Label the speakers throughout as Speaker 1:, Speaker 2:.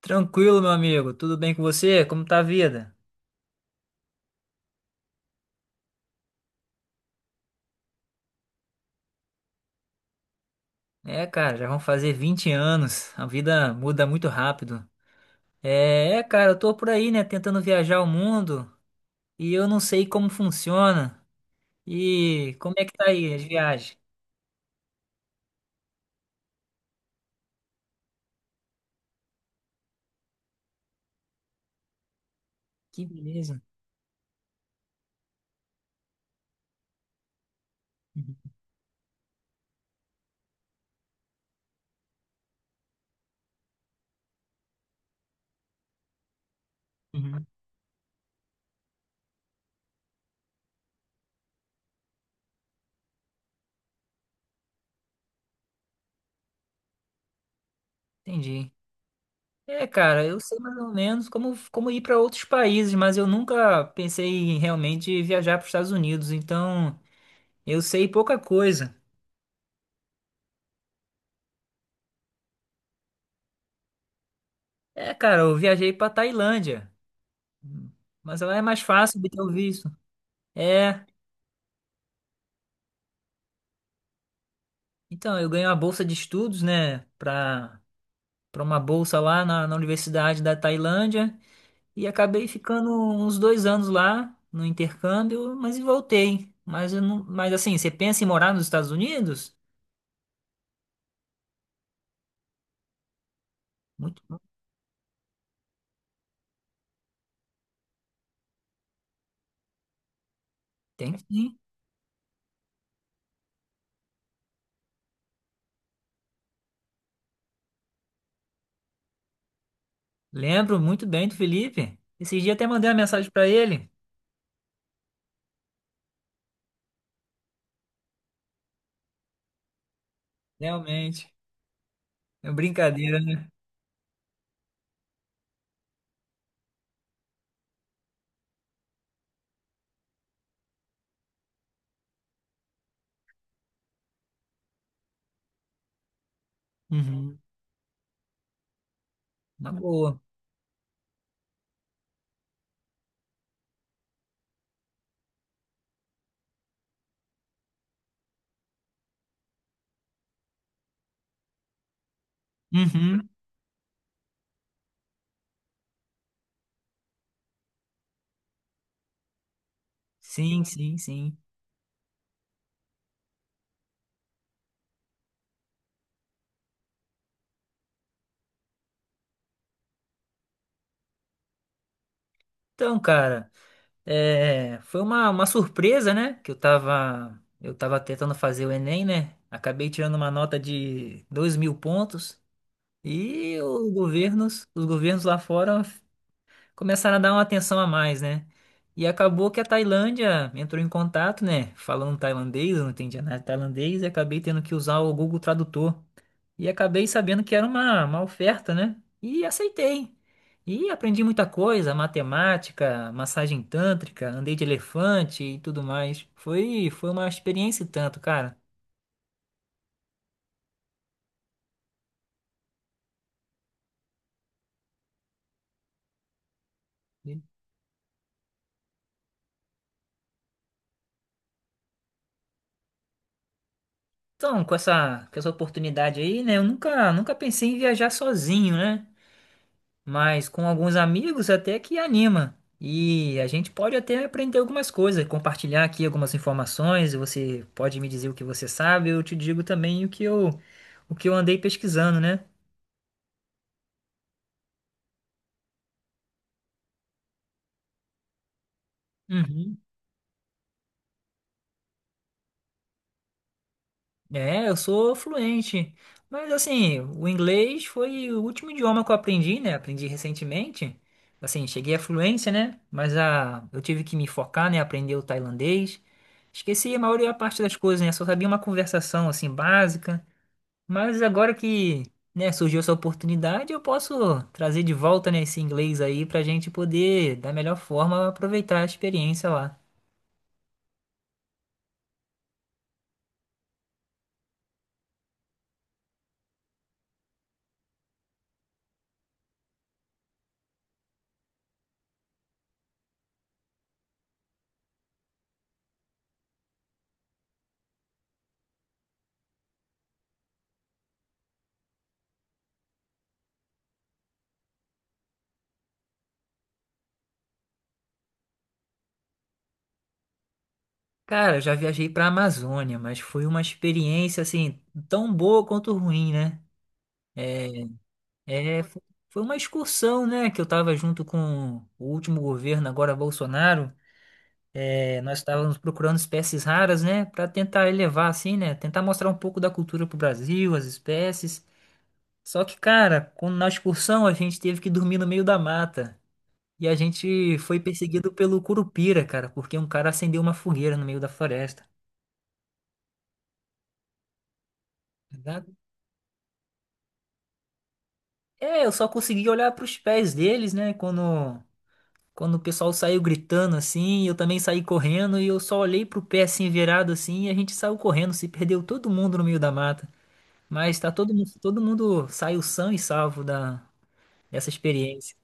Speaker 1: Tranquilo, meu amigo. Tudo bem com você? Como tá a vida? É, cara, já vão fazer 20 anos. A vida muda muito rápido. É, cara, eu tô por aí, né, tentando viajar o mundo e eu não sei como funciona. E como é que tá aí as viagens? Que beleza. Uhum, uhum. Entendi. É, cara, eu sei mais ou menos como ir para outros países, mas eu nunca pensei em realmente viajar para os Estados Unidos, então eu sei pouca coisa. É, cara, eu viajei para Tailândia. Mas lá é mais fácil obter o visto. É, então, eu ganhei uma bolsa de estudos, né, para uma bolsa lá na Universidade da Tailândia e acabei ficando uns 2 anos lá no intercâmbio, mas e voltei. Mas, eu não, mas assim, você pensa em morar nos Estados Unidos? Muito, bom. Tem sim. Lembro muito bem do Felipe. Esse dia até mandei uma mensagem para ele. Realmente, é uma brincadeira, né? Uhum. Uma boa. Uhum. Sim, sim, sim. Então, cara. É, foi uma surpresa, né? Que eu tava tentando fazer o Enem, né? Acabei tirando uma nota de 2000 pontos e os governos lá fora começaram a dar uma atenção a mais, né? E acabou que a Tailândia entrou em contato, né? Falando tailandês, eu não entendia nada de tailandês e acabei tendo que usar o Google Tradutor. E acabei sabendo que era uma oferta, né? E aceitei. E aprendi muita coisa, matemática, massagem tântrica, andei de elefante e tudo mais. Foi uma experiência e tanto, cara. Então, com essa oportunidade aí, né? Eu nunca pensei em viajar sozinho, né? Mas com alguns amigos até que anima. E a gente pode até aprender algumas coisas, compartilhar aqui algumas informações, você pode me dizer o que você sabe, eu te digo também o que eu andei pesquisando, né? Uhum. É, eu sou fluente. Mas assim, o inglês foi o último idioma que eu aprendi, né? Aprendi recentemente. Assim, cheguei à fluência, né? Mas a, eu tive que me focar, né? Aprender o tailandês. Esqueci a maioria parte das coisas, né? Só sabia uma conversação assim básica. Mas agora que, né, surgiu essa oportunidade, eu posso trazer de volta, né, esse inglês aí pra gente poder, da melhor forma, aproveitar a experiência lá. Cara, eu já viajei pra Amazônia, mas foi uma experiência, assim, tão boa quanto ruim, né? É, fo- Foi uma excursão, né, que eu tava junto com o último governo, agora Bolsonaro. É, nós estávamos procurando espécies raras, né, para tentar elevar, assim, né, tentar mostrar um pouco da cultura pro Brasil, as espécies. Só que, cara, quando- na excursão a gente teve que dormir no meio da mata. E a gente foi perseguido pelo Curupira, cara, porque um cara acendeu uma fogueira no meio da floresta. Tá? É, eu só consegui olhar para os pés deles, né? Quando o pessoal saiu gritando assim, eu também saí correndo e eu só olhei pro pé assim virado assim e a gente saiu correndo, se perdeu todo mundo no meio da mata. Mas tá todo mundo saiu são e salvo da, dessa experiência.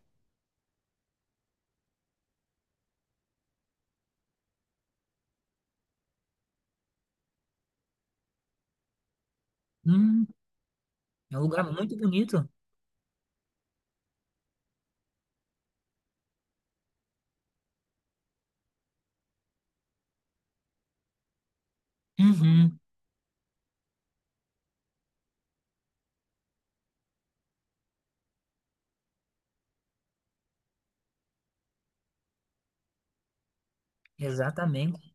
Speaker 1: Hum, é um lugar muito bonito. Uhum, exatamente.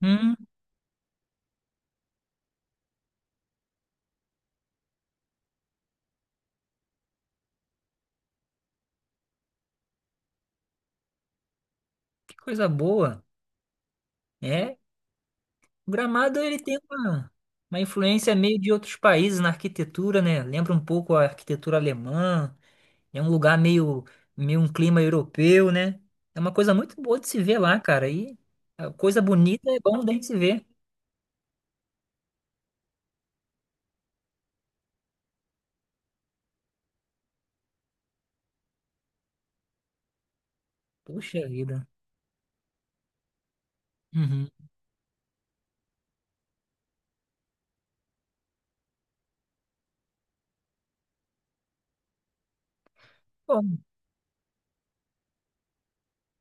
Speaker 1: Hum, que coisa boa. É, o Gramado ele tem uma influência meio de outros países na arquitetura, né? Lembra um pouco a arquitetura alemã. É um lugar meio um clima europeu, né? É uma coisa muito boa de se ver lá, cara. E a coisa bonita é bom da gente se ver. Puxa vida. Uhum. Bom,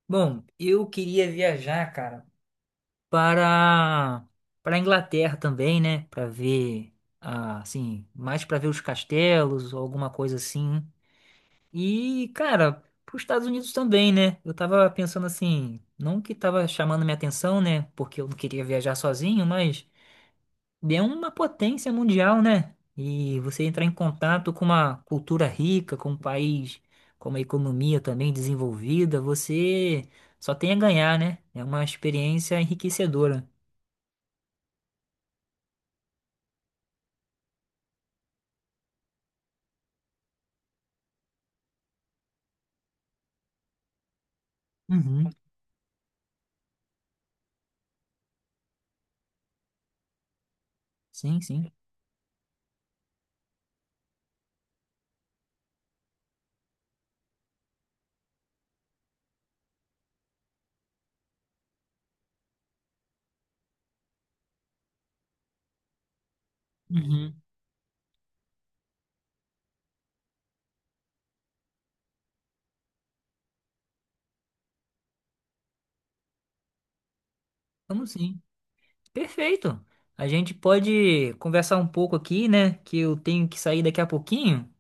Speaker 1: bom, eu queria viajar, cara, para para a Inglaterra também, né? Para ver, ah, assim, mais para ver os castelos ou alguma coisa assim. E, cara, pros Estados Unidos também, né? Eu tava pensando assim, não que tava chamando minha atenção, né? Porque eu não queria viajar sozinho, mas é uma potência mundial, né? E você entrar em contato com uma cultura rica, com um país, com uma economia também desenvolvida, você só tem a ganhar, né? É uma experiência enriquecedora. Uhum. Sim, sim. Uhum. Vamos sim. Perfeito. A gente pode conversar um pouco aqui, né? Que eu tenho que sair daqui a pouquinho.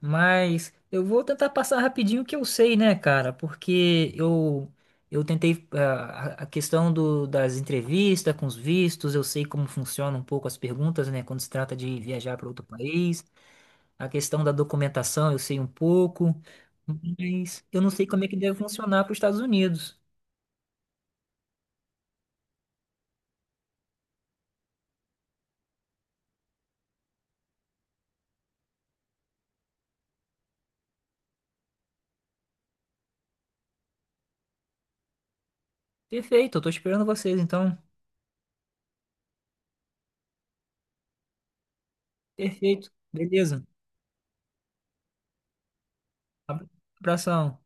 Speaker 1: Mas eu vou tentar passar rapidinho o que eu sei, né, cara? Porque eu tentei ah, a questão do, das entrevistas com os vistos, eu sei como funcionam um pouco as perguntas, né, quando se trata de viajar para outro país. A questão da documentação eu sei um pouco, mas eu não sei como é que deve funcionar para os Estados Unidos. Perfeito, eu tô esperando vocês, então. Perfeito, beleza. Abra- Abração.